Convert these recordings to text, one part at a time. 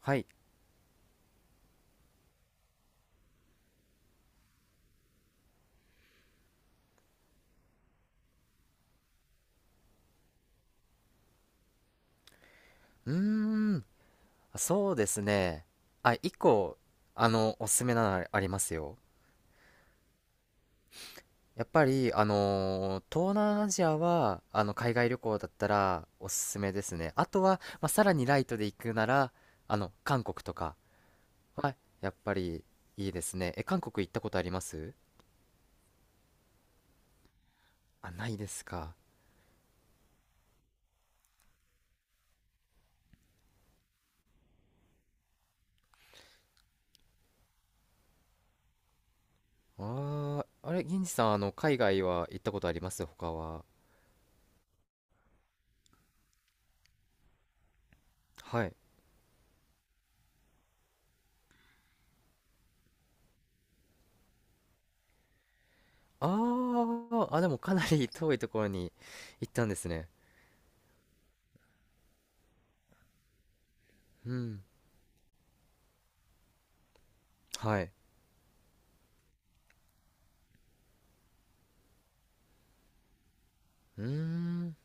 はい。うーん、そうですね。あ、一個、おすすめなのありますよ。やっぱり、東南アジアは、海外旅行だったらおすすめですね。あとは、まあ、さらにライトで行くなら、韓国とかはやっぱりいいですね。え、韓国行ったことあります？あ、ないですか。あああれ、銀次さん、海外は行ったことあります？他は？はい。あー、あ、でもかなり遠いところに行ったんですね。うん、はい。うーん。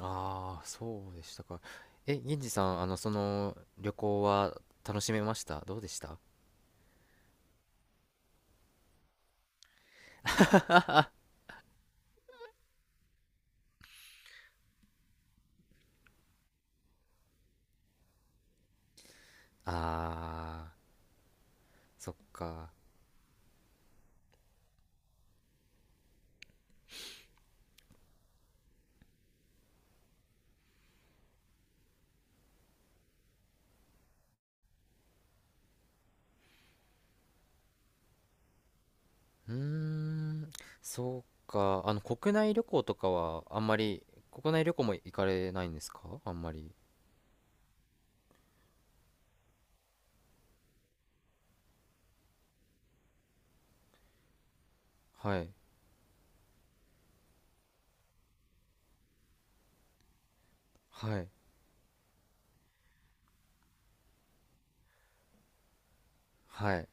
ああ、そうでしたか。え、銀次さん、旅行は楽しめました？どうでした？ああー、そっか。うーん、そうか。国内旅行とかは、あんまり、国内旅行も行かれないんですか、あんまり。はい。はい。はい。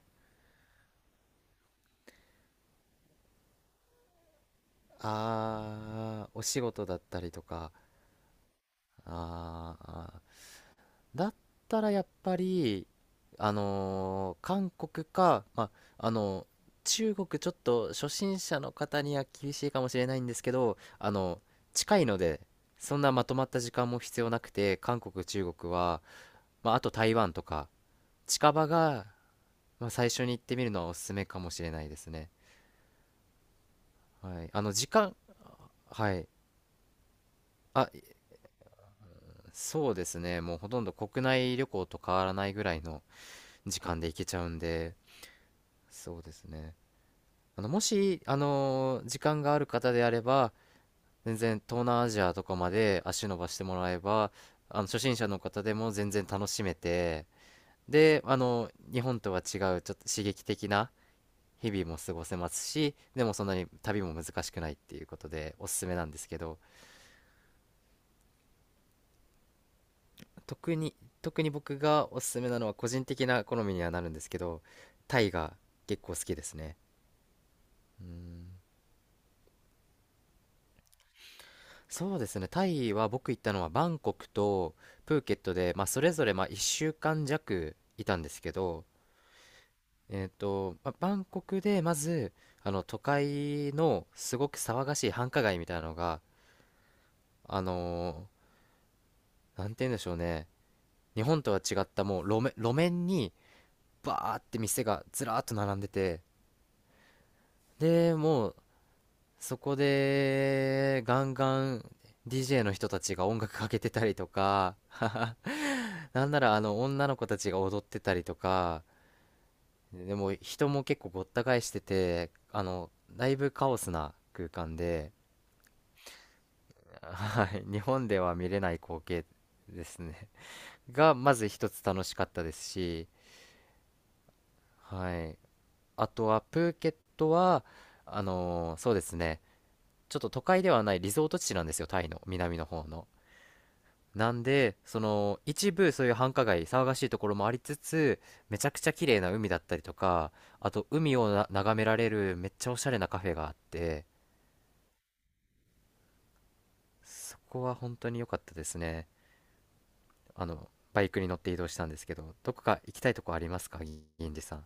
ああ、お仕事だったりとか。ああ、だったらやっぱり、韓国か、まあ、中国ちょっと初心者の方には厳しいかもしれないんですけど、近いので、そんなまとまった時間も必要なくて、韓国、中国は、まあ、あと台湾とか、近場が、まあ、最初に行ってみるのはおすすめかもしれないですね。はい。時間、はい。あ、そうですね。もうほとんど国内旅行と変わらないぐらいの時間で行けちゃうんで、そうですね。もし、時間がある方であれば、全然東南アジアとかまで足伸ばしてもらえば、初心者の方でも全然楽しめて、で、日本とは違う、ちょっと刺激的な日々も過ごせますし、でもそんなに旅も難しくないっていうことで、おすすめなんですけど、特に、特に僕がおすすめなのは個人的な好みにはなるんですけど、タイが結構好きですね。うん。そうですね。タイは僕行ったのはバンコクとプーケットで、まあ、それぞれまあ1週間弱いたんですけど、まあ、バンコクでまず都会のすごく騒がしい繁華街みたいなのが、あのなんて言うんでしょうね。日本とは違ったもう路面にバーって店がずらーっと並んでて、で、もうそこでガンガン DJ の人たちが音楽かけてたりとか、なんならあの女の子たちが踊ってたりとか、でも人も結構ごった返してて、だいぶカオスな空間で、はい、日本では見れない光景ですね。が、まず一つ楽しかったですし、はい。あとはプーケットは、そうですね、ちょっと都会ではないリゾート地なんですよ、タイの南の方の。なんで、一部そういう繁華街、騒がしいところもありつつ、めちゃくちゃ綺麗な海だったりとか、あと海を眺められるめっちゃおしゃれなカフェがあって、そこは本当に良かったですね。バイクに乗って移動したんですけど、どこか行きたいとこありますか、銀次さん。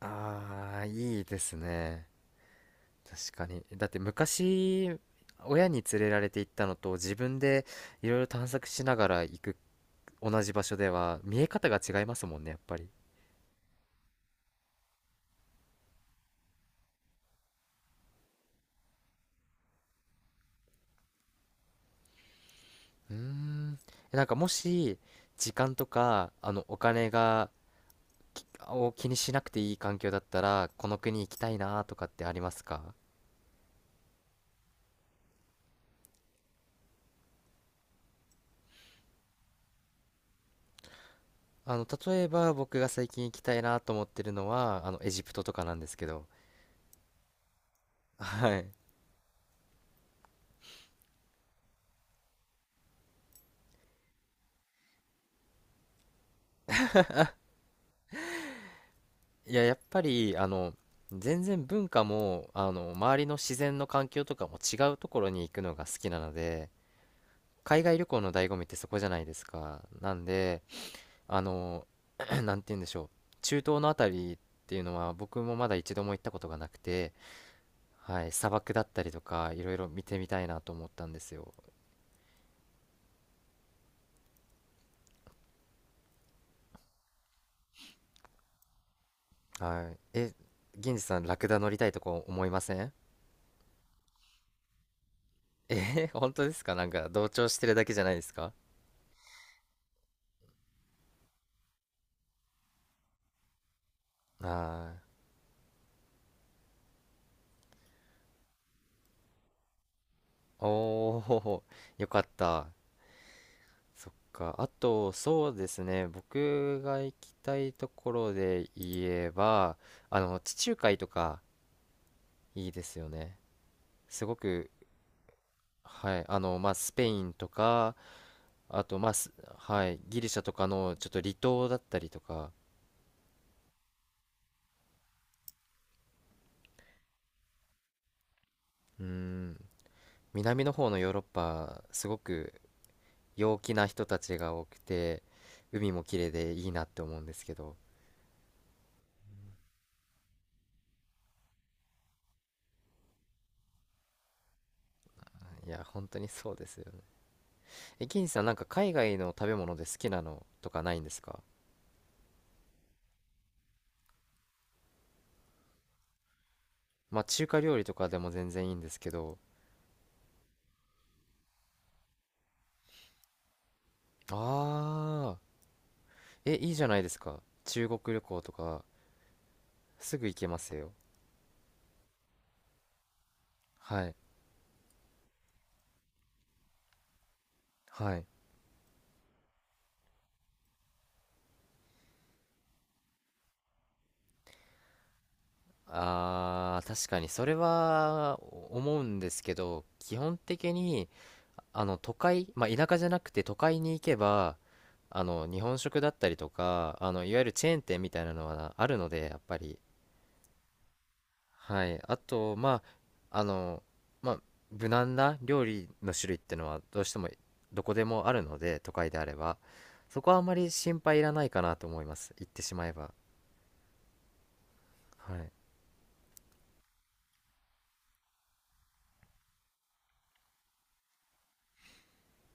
ああ、いいですね。確かに。だって昔、親に連れられて行ったのと、自分でいろいろ探索しながら行く同じ場所では、見え方が違いますもんね、やっぱり。うーん。なんかもし、時間とか、お金が、気にしなくていい環境だったら、この国行きたいなとかってありますか？例えば僕が最近行きたいなと思ってるのは、エジプトとかなんですけど。はい。いや、やっぱり、全然文化も、周りの自然の環境とかも違うところに行くのが好きなので、海外旅行の醍醐味ってそこじゃないですか。なんで、あの、なんて言うんでしょう、中東のあたりっていうのは僕もまだ一度も行ったことがなくて、はい、砂漠だったりとかいろいろ見てみたいなと思ったんですよ。はい、銀次さんラクダ乗りたいとこ思いません？ 本当ですか？なんか同調してるだけじゃないですか？ああ、おお、よかった。そっか。あと、そうですね、僕が行きたいところで言えば、地中海とかいいですよね、すごく。はい、まあ、スペインとか、あと、まあ、はい、ギリシャとかのちょっと離島だったりとか、うん、南の方のヨーロッパ、すごく陽気な人たちが多くて、海も綺麗でいいなって思うんですけど。いや、本当にそうですよね。え、銀さん、なんか海外の食べ物で好きなのとかないんですか？まあ、中華料理とかでも全然いいんですけど、ああ、え、いいじゃないですか。中国旅行とか、すぐ行けますよ。はい、はい。あー、確かにそれは思うんですけど、基本的に都会、まあ、田舎じゃなくて都会に行けば、日本食だったりとか、いわゆるチェーン店みたいなのはあるので、やっぱり。はい、あと、まあ、まあ、無難な料理の種類ってのはどうしてもどこでもあるので、都会であればそこはあまり心配いらないかなと思います、行ってしまえば。はい。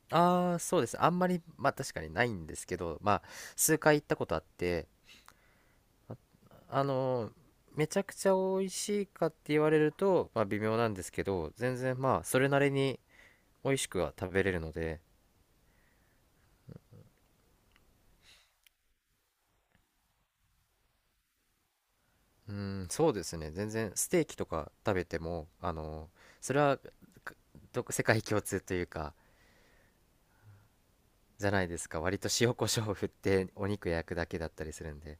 ああ、そうです。あんまり、まあ確かにないんですけど、まあ数回行ったことあって、あのーめちゃくちゃ美味しいかって言われると、まあ微妙なんですけど、全然まあそれなりに美味しくは食べれるので、うん、そうですね。全然ステーキとか食べても、それはか世界共通というか、じゃないですか。割と塩コショウを振ってお肉焼くだけだったりするんで。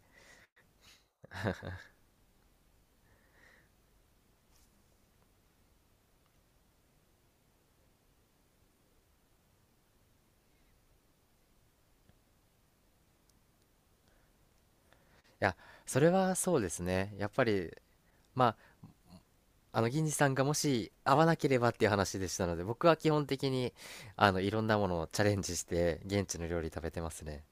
いや、それはそうですね。やっぱり、まあ銀次さんがもし合わなければっていう話でしたので、僕は基本的にいろんなものをチャレンジして現地の料理食べてますね。